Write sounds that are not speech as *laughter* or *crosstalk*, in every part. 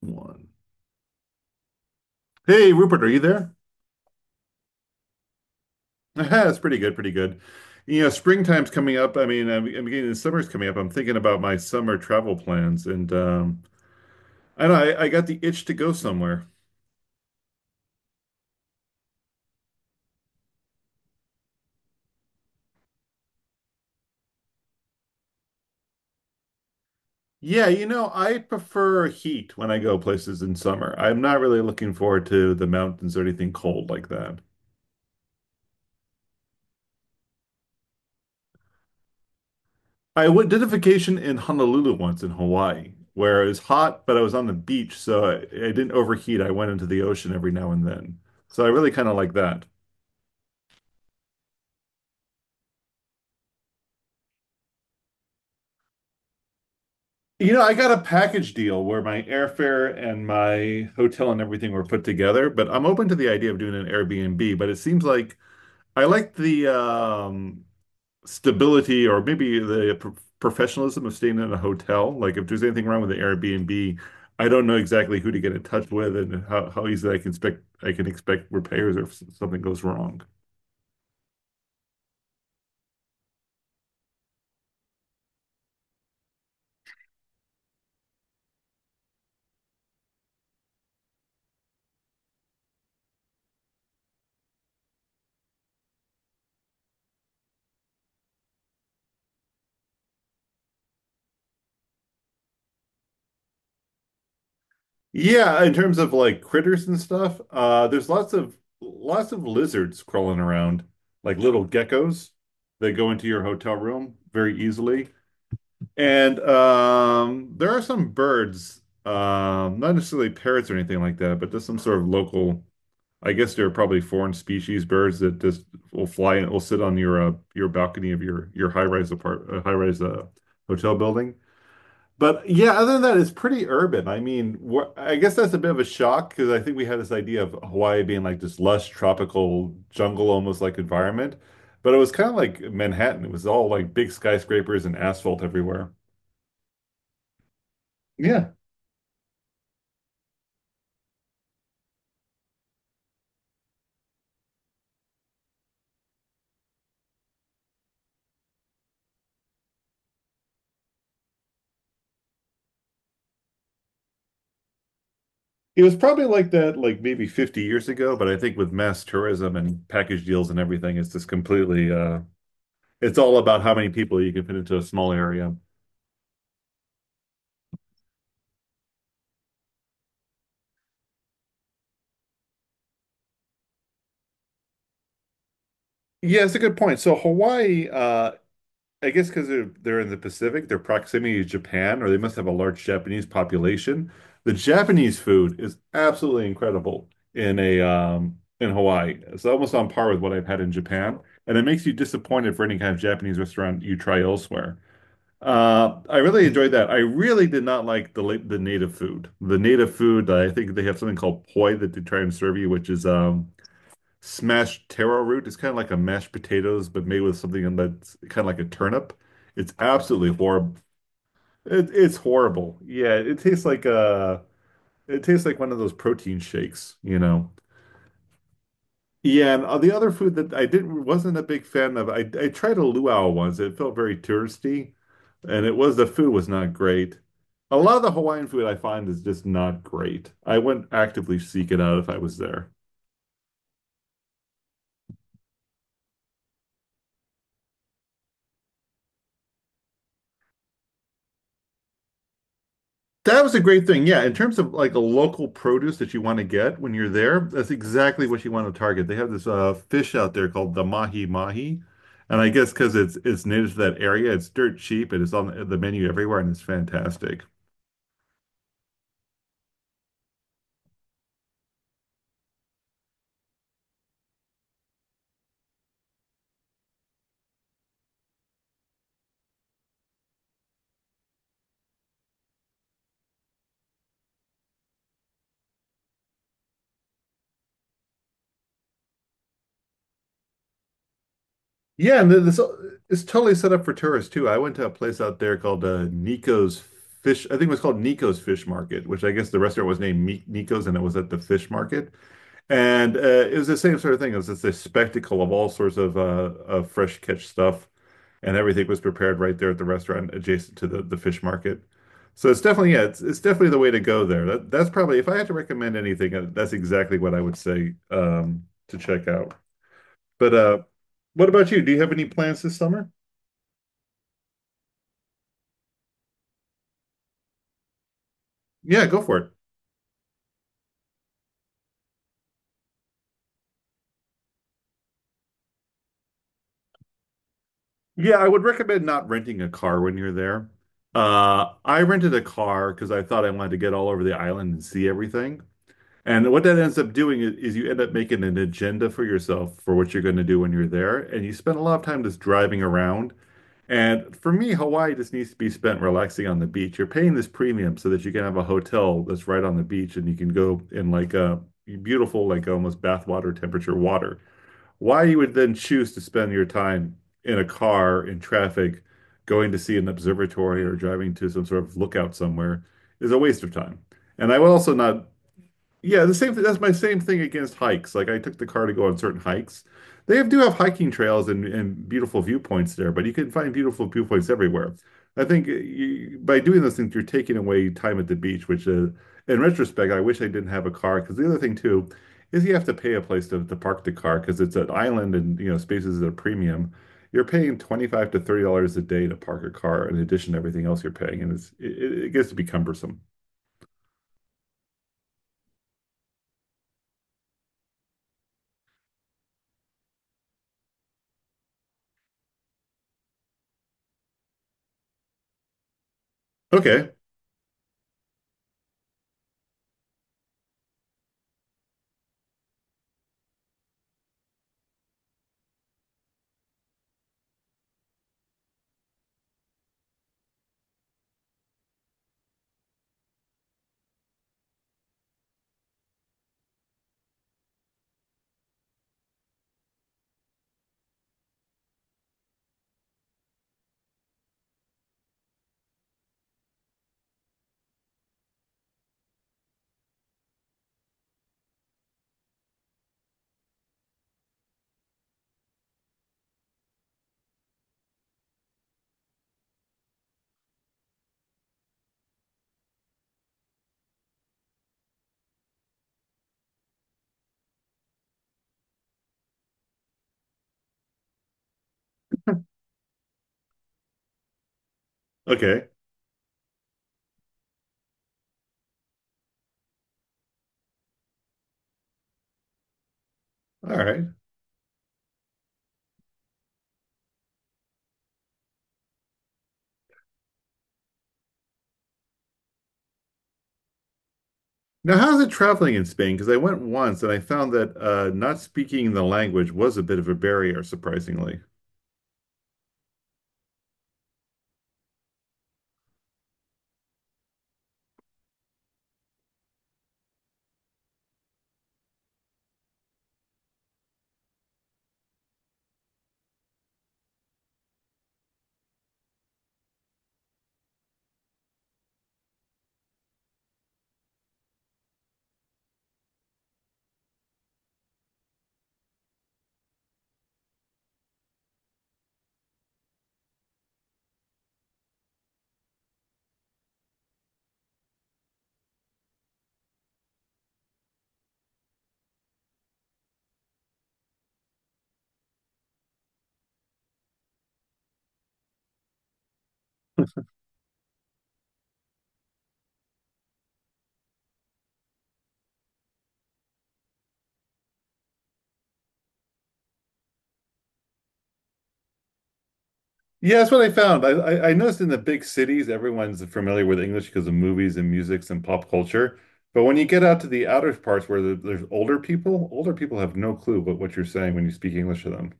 One. Hey, Rupert, are you there? *laughs* That's pretty good, pretty good. Springtime's coming up. I mean, I'm getting the summer's coming up. I'm thinking about my summer travel plans, and I don't know, I got the itch to go somewhere. Yeah, I prefer heat when I go places in summer. I'm not really looking forward to the mountains or anything cold like that. I went, did a vacation in Honolulu once in Hawaii, where it was hot, but I was on the beach, so I didn't overheat. I went into the ocean every now and then. So I really kind of like that. I got a package deal where my airfare and my hotel and everything were put together, but I'm open to the idea of doing an Airbnb, but it seems like I like the stability or maybe the professionalism of staying in a hotel. Like if there's anything wrong with the Airbnb, I don't know exactly who to get in touch with and how easily I can expect repairs or if something goes wrong. Yeah, in terms of like critters and stuff, there's lots of lizards crawling around, like little geckos that go into your hotel room very easily. And There are some birds, not necessarily parrots or anything like that, but just some sort of local, I guess they're probably foreign species birds that just will fly and will sit on your balcony of your high-rise hotel building. But yeah, other than that, it's pretty urban. I mean, I guess that's a bit of a shock because I think we had this idea of Hawaii being like this lush tropical jungle almost like environment, but it was kind of like Manhattan. It was all like big skyscrapers and asphalt everywhere. Yeah. It was probably like that like maybe 50 years ago, but I think with mass tourism and package deals and everything, it's just completely it's all about how many people you can fit into a small area. Yeah, it's a good point. So Hawaii, I guess because they're in the Pacific, their proximity to Japan, or they must have a large Japanese population. The Japanese food is absolutely incredible in a in Hawaii. It's almost on par with what I've had in Japan, and it makes you disappointed for any kind of Japanese restaurant you try elsewhere. I really enjoyed that. I really did not like the the native food. The native food, I think they have something called poi that they try and serve you, which is smashed taro root. Is kind of like a mashed potatoes, but made with something that's kind of like a turnip. It's absolutely horrible. It's horrible. Yeah, it tastes like one of those protein shakes. Yeah, and the other food that I didn't wasn't a big fan of, I tried a luau once. It felt very touristy, and it was the food was not great. A lot of the Hawaiian food I find is just not great. I wouldn't actively seek it out if I was there. That was a great thing. Yeah, in terms of like a local produce that you want to get when you're there, that's exactly what you want to target. They have this fish out there called the mahi mahi, and I guess because it's native to that area, it's dirt cheap and it's on the menu everywhere, and it's fantastic. Yeah, and this it's totally set up for tourists too. I went to a place out there called Nico's Fish. I think it was called Nico's Fish Market, which I guess the restaurant was named Nico's, and it was at the fish market. And it was the same sort of thing. It was just a spectacle of all sorts of fresh catch stuff, and everything was prepared right there at the restaurant adjacent to the fish market. So it's definitely, yeah, it's definitely the way to go there. That's probably if I had to recommend anything, that's exactly what I would say to check out. But what about you? Do you have any plans this summer? Yeah, go for it. Yeah, I would recommend not renting a car when you're there. I rented a car because I thought I wanted to get all over the island and see everything. And what that ends up doing is you end up making an agenda for yourself for what you're going to do when you're there. And you spend a lot of time just driving around. And for me, Hawaii just needs to be spent relaxing on the beach. You're paying this premium so that you can have a hotel that's right on the beach and you can go in like a beautiful, like almost bathwater temperature water. Why you would then choose to spend your time in a car in traffic, going to see an observatory or driving to some sort of lookout somewhere is a waste of time. And I would also not, yeah, the same thing. That's my same thing against hikes. Like I took the car to go on certain hikes. They have, do have hiking trails and beautiful viewpoints there, but you can find beautiful viewpoints everywhere. I think you, by doing those things, you're taking away time at the beach, which in retrospect, I wish I didn't have a car. Because the other thing too is you have to pay a place to park the car because it's an island and you know spaces at a premium. You're paying 25 to $30 a day to park a car in addition to everything else you're paying, and it's it gets to be cumbersome. Okay. Okay. All right. Now, how's it traveling in Spain? Because I went once and I found that not speaking the language was a bit of a barrier, surprisingly. Yeah, that's what I found. I noticed in the big cities, everyone's familiar with English because of movies and music and pop culture. But when you get out to the outer parts where there's older people have no clue what you're saying when you speak English to them.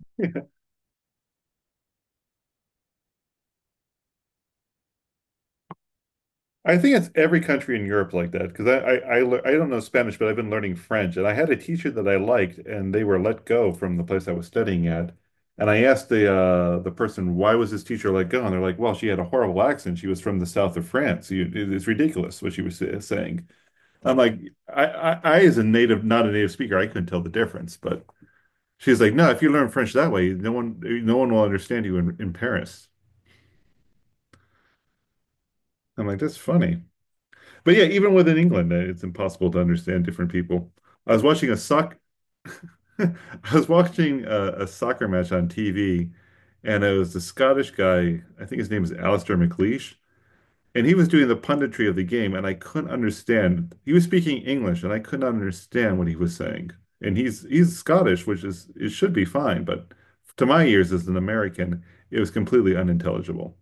*laughs* I think it's every country in Europe like that because I I don't know Spanish, but I've been learning French, and I had a teacher that I liked, and they were let go from the place I was studying at, and I asked the person why was this teacher let go, and they're like, well, she had a horrible accent. She was from the south of France. You, it's ridiculous what she was saying. I'm like, I, as a native, not a native speaker, I couldn't tell the difference, but she's like, no, if you learn French that way, no one will understand you in Paris. I'm like, that's funny. But yeah, even within England, it's impossible to understand different people. I was watching a soc *laughs* I was watching a soccer match on TV, and it was the Scottish guy. I think his name is Alistair McLeish, and he was doing the punditry of the game, and I couldn't understand. He was speaking English, and I could not understand what he was saying. And he's Scottish, which is it should be fine, but to my ears as an American, it was completely unintelligible.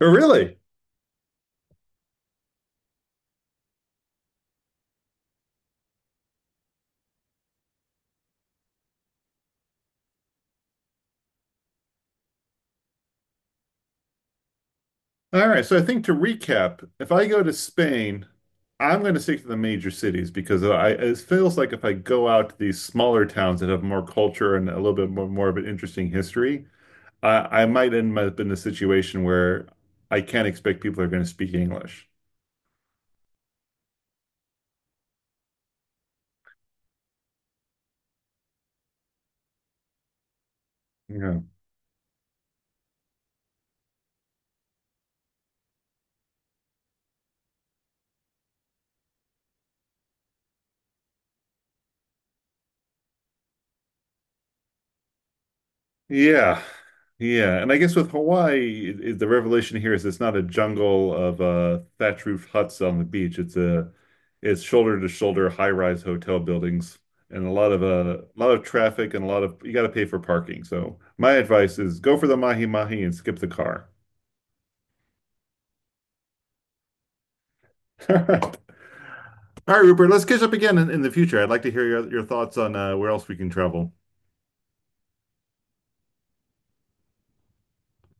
Oh, really? All right, so I think to recap, if I go to Spain, I'm going to stick to the major cities because I it feels like if I go out to these smaller towns that have more culture and a little bit more, more of an interesting history, I might end up in a situation where I can't expect people are going to speak English. Yeah. Yeah. Yeah. And I guess with Hawaii, the revelation here is it's not a jungle of thatch roof huts on the beach. It's shoulder to shoulder high rise hotel buildings and a lot of traffic and a lot of you got to pay for parking. So my advice is go for the mahi mahi and skip the car. *laughs* All right, Rupert, let's catch up again in the future. I'd like to hear your thoughts on where else we can travel.